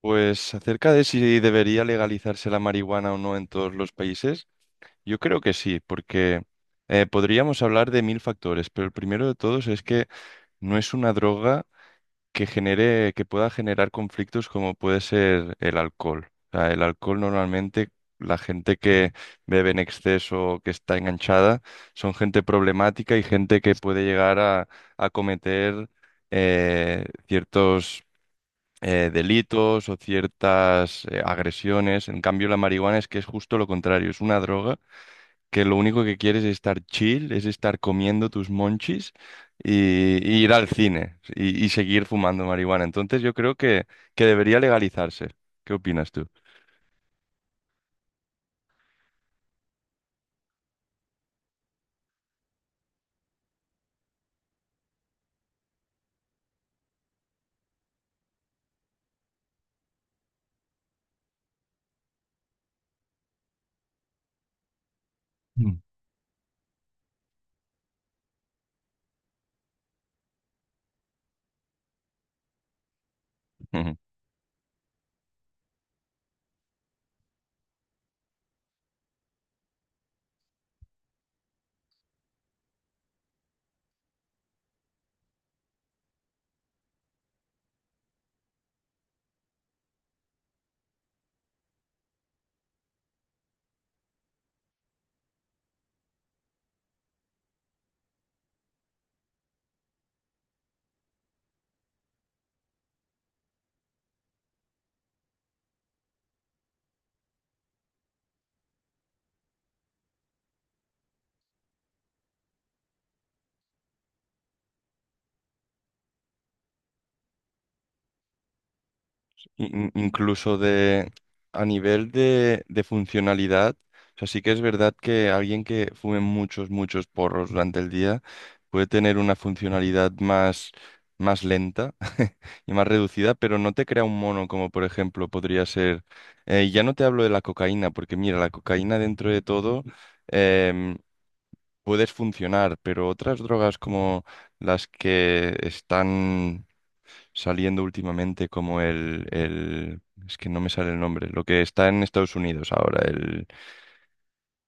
Pues acerca de si debería legalizarse la marihuana o no en todos los países, yo creo que sí, porque podríamos hablar de 1.000 factores, pero el primero de todos es que no es una droga que genere, que pueda generar conflictos como puede ser el alcohol. O sea, el alcohol normalmente, la gente que bebe en exceso o que está enganchada, son gente problemática y gente que puede llegar a cometer ciertos delitos o ciertas agresiones. En cambio, la marihuana es que es justo lo contrario, es una droga que lo único que quieres es estar chill, es estar comiendo tus monchis y ir al cine y seguir fumando marihuana. Entonces yo creo que debería legalizarse. ¿Qué opinas tú? Mm. Incluso de a nivel de funcionalidad. O sea, sí que es verdad que alguien que fume muchos, muchos porros durante el día puede tener una funcionalidad más, más lenta y más reducida, pero no te crea un mono como por ejemplo podría ser... ya no te hablo de la cocaína, porque mira, la cocaína dentro de todo em, puedes funcionar, pero otras drogas como las que están saliendo últimamente como el, es que no me sale el nombre. Lo que está en Estados Unidos ahora,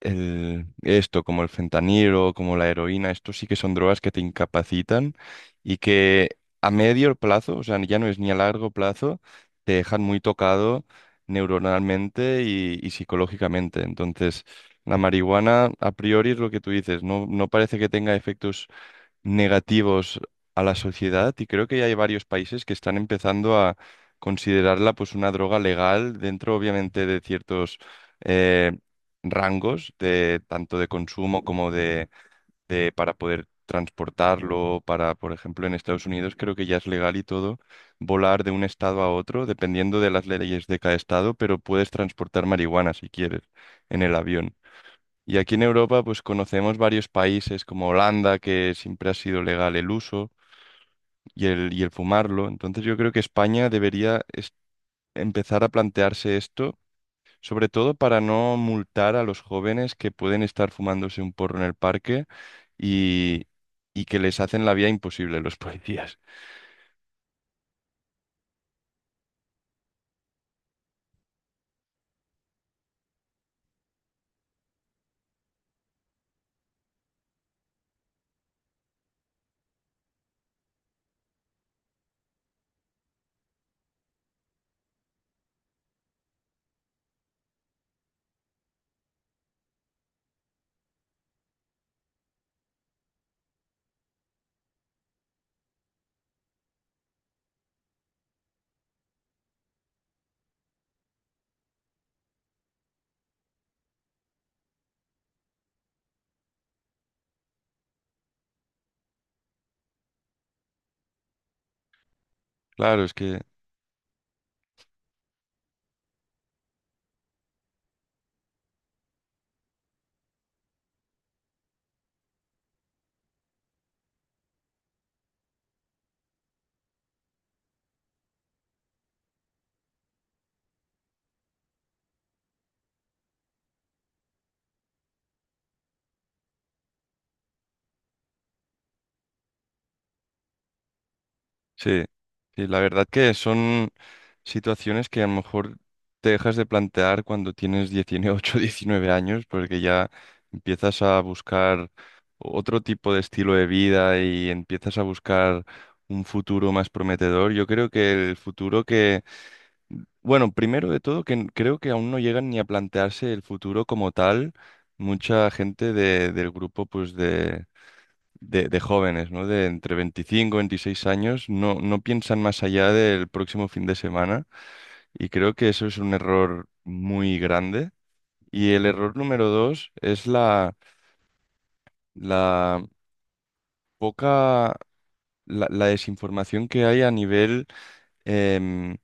el... Esto, como el fentanilo, como la heroína, esto sí que son drogas que te incapacitan y que a medio plazo, o sea, ya no es ni a largo plazo, te dejan muy tocado neuronalmente y psicológicamente. Entonces, la marihuana, a priori, es lo que tú dices, no, no parece que tenga efectos negativos a la sociedad y creo que ya hay varios países que están empezando a considerarla pues una droga legal dentro obviamente de ciertos eh, rangos de tanto de consumo como de para poder transportarlo, para por ejemplo en Estados Unidos creo que ya es legal y todo volar de un estado a otro dependiendo de las leyes de cada estado, pero puedes transportar marihuana si quieres en el avión. Y aquí en Europa, pues conocemos varios países como Holanda, que siempre ha sido legal el uso y el fumarlo. Entonces yo creo que España empezar a plantearse esto, sobre todo para no multar a los jóvenes que pueden estar fumándose un porro en el parque y, y que les hacen la vida imposible los policías. Claro, es que sí, sí, la verdad que son situaciones que a lo mejor te dejas de plantear cuando tienes 18, 19 años, porque ya empiezas a buscar otro tipo de estilo de vida y empiezas a buscar un futuro más prometedor. Yo creo que el futuro que, bueno, primero de todo, creo que aún no llegan ni a plantearse el futuro como tal. Mucha gente del grupo, pues de de jóvenes, ¿no? De entre 25 y 26 años, no, no piensan más allá del próximo fin de semana y creo que eso es un error muy grande. Y el error número dos es la, la poca, la desinformación que hay a nivel em,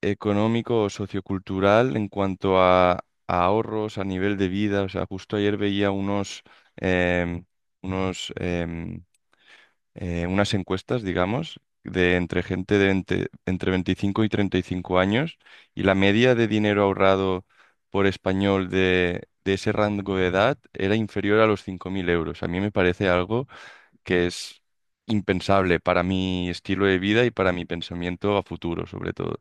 económico o sociocultural en cuanto a ahorros, a nivel de vida. O sea, justo ayer veía unos... em, unos unas encuestas, digamos, de entre gente de entre, entre 25 y 35 años y la media de dinero ahorrado por español de ese rango de edad era inferior a los 5.000 euros. A mí me parece algo que es impensable para mi estilo de vida y para mi pensamiento a futuro, sobre todo.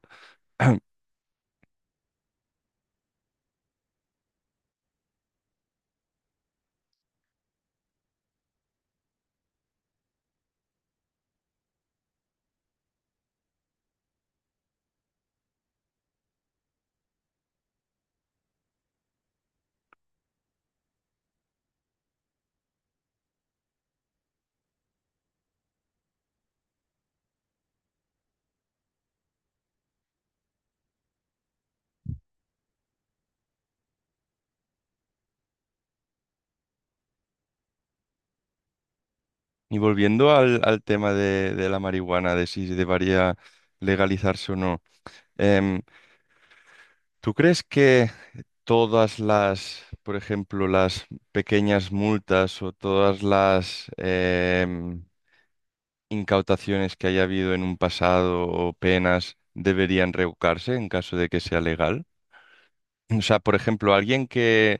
Y volviendo al, al tema de la marihuana, de si debería legalizarse o no, em, ¿tú crees que... todas las, por ejemplo, las pequeñas multas o todas las em, incautaciones que haya habido en un pasado o penas deberían revocarse en caso de que sea legal? O sea, por ejemplo, alguien que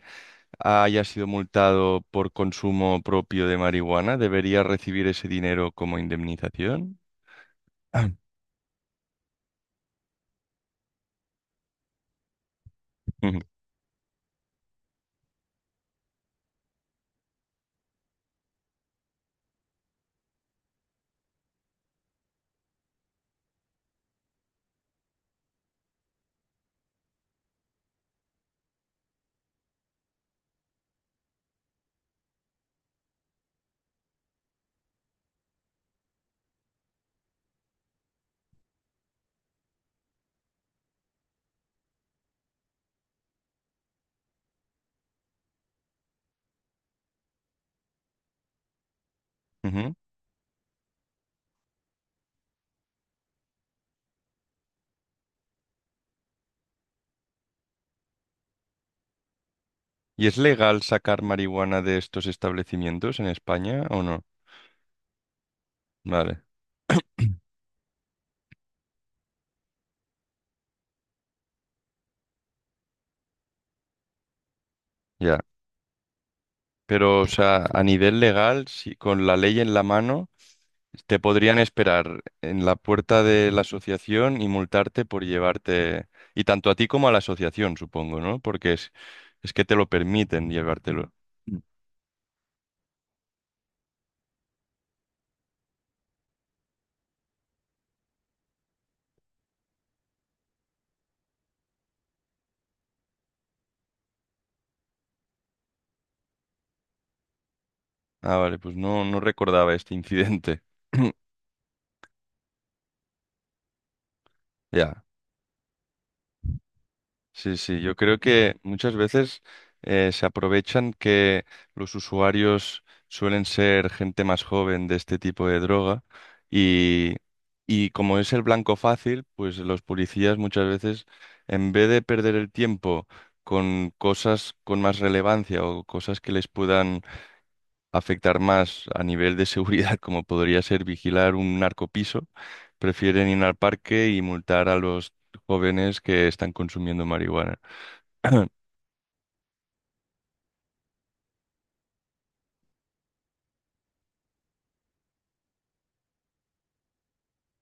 haya sido multado por consumo propio de marihuana debería recibir ese dinero como indemnización. Ah. Ujú, ujú. ¿Y es legal sacar marihuana de estos establecimientos en España o no? Vale, ya. Pero, o sea, a nivel legal, si con la ley en la mano, te podrían esperar en la puerta de la asociación y multarte por llevarte, y tanto a ti como a la asociación, supongo, ¿no? Porque es que te lo permiten llevártelo. Ah, vale, pues no, no recordaba este incidente. Ya. Sí, sí, yo creo que muchas veces se aprovechan que los usuarios suelen ser gente más joven de este tipo de droga y, y como es el blanco fácil, pues los policías muchas veces, en vez de perder el tiempo con cosas con más relevancia o cosas que les puedan afectar más a nivel de seguridad, como podría ser vigilar un narcopiso, prefieren ir al parque y multar a los jóvenes que están consumiendo marihuana.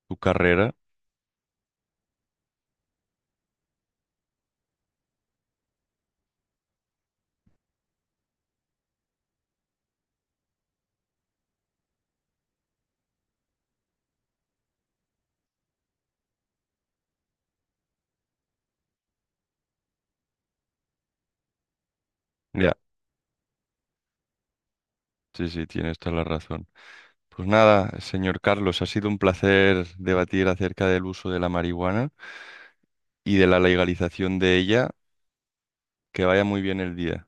Tu carrera. Ya, sí, sí, tienes toda la razón. Pues nada, señor Carlos, ha sido un placer debatir acerca del uso de la marihuana y de la legalización de ella. Que vaya muy bien el día.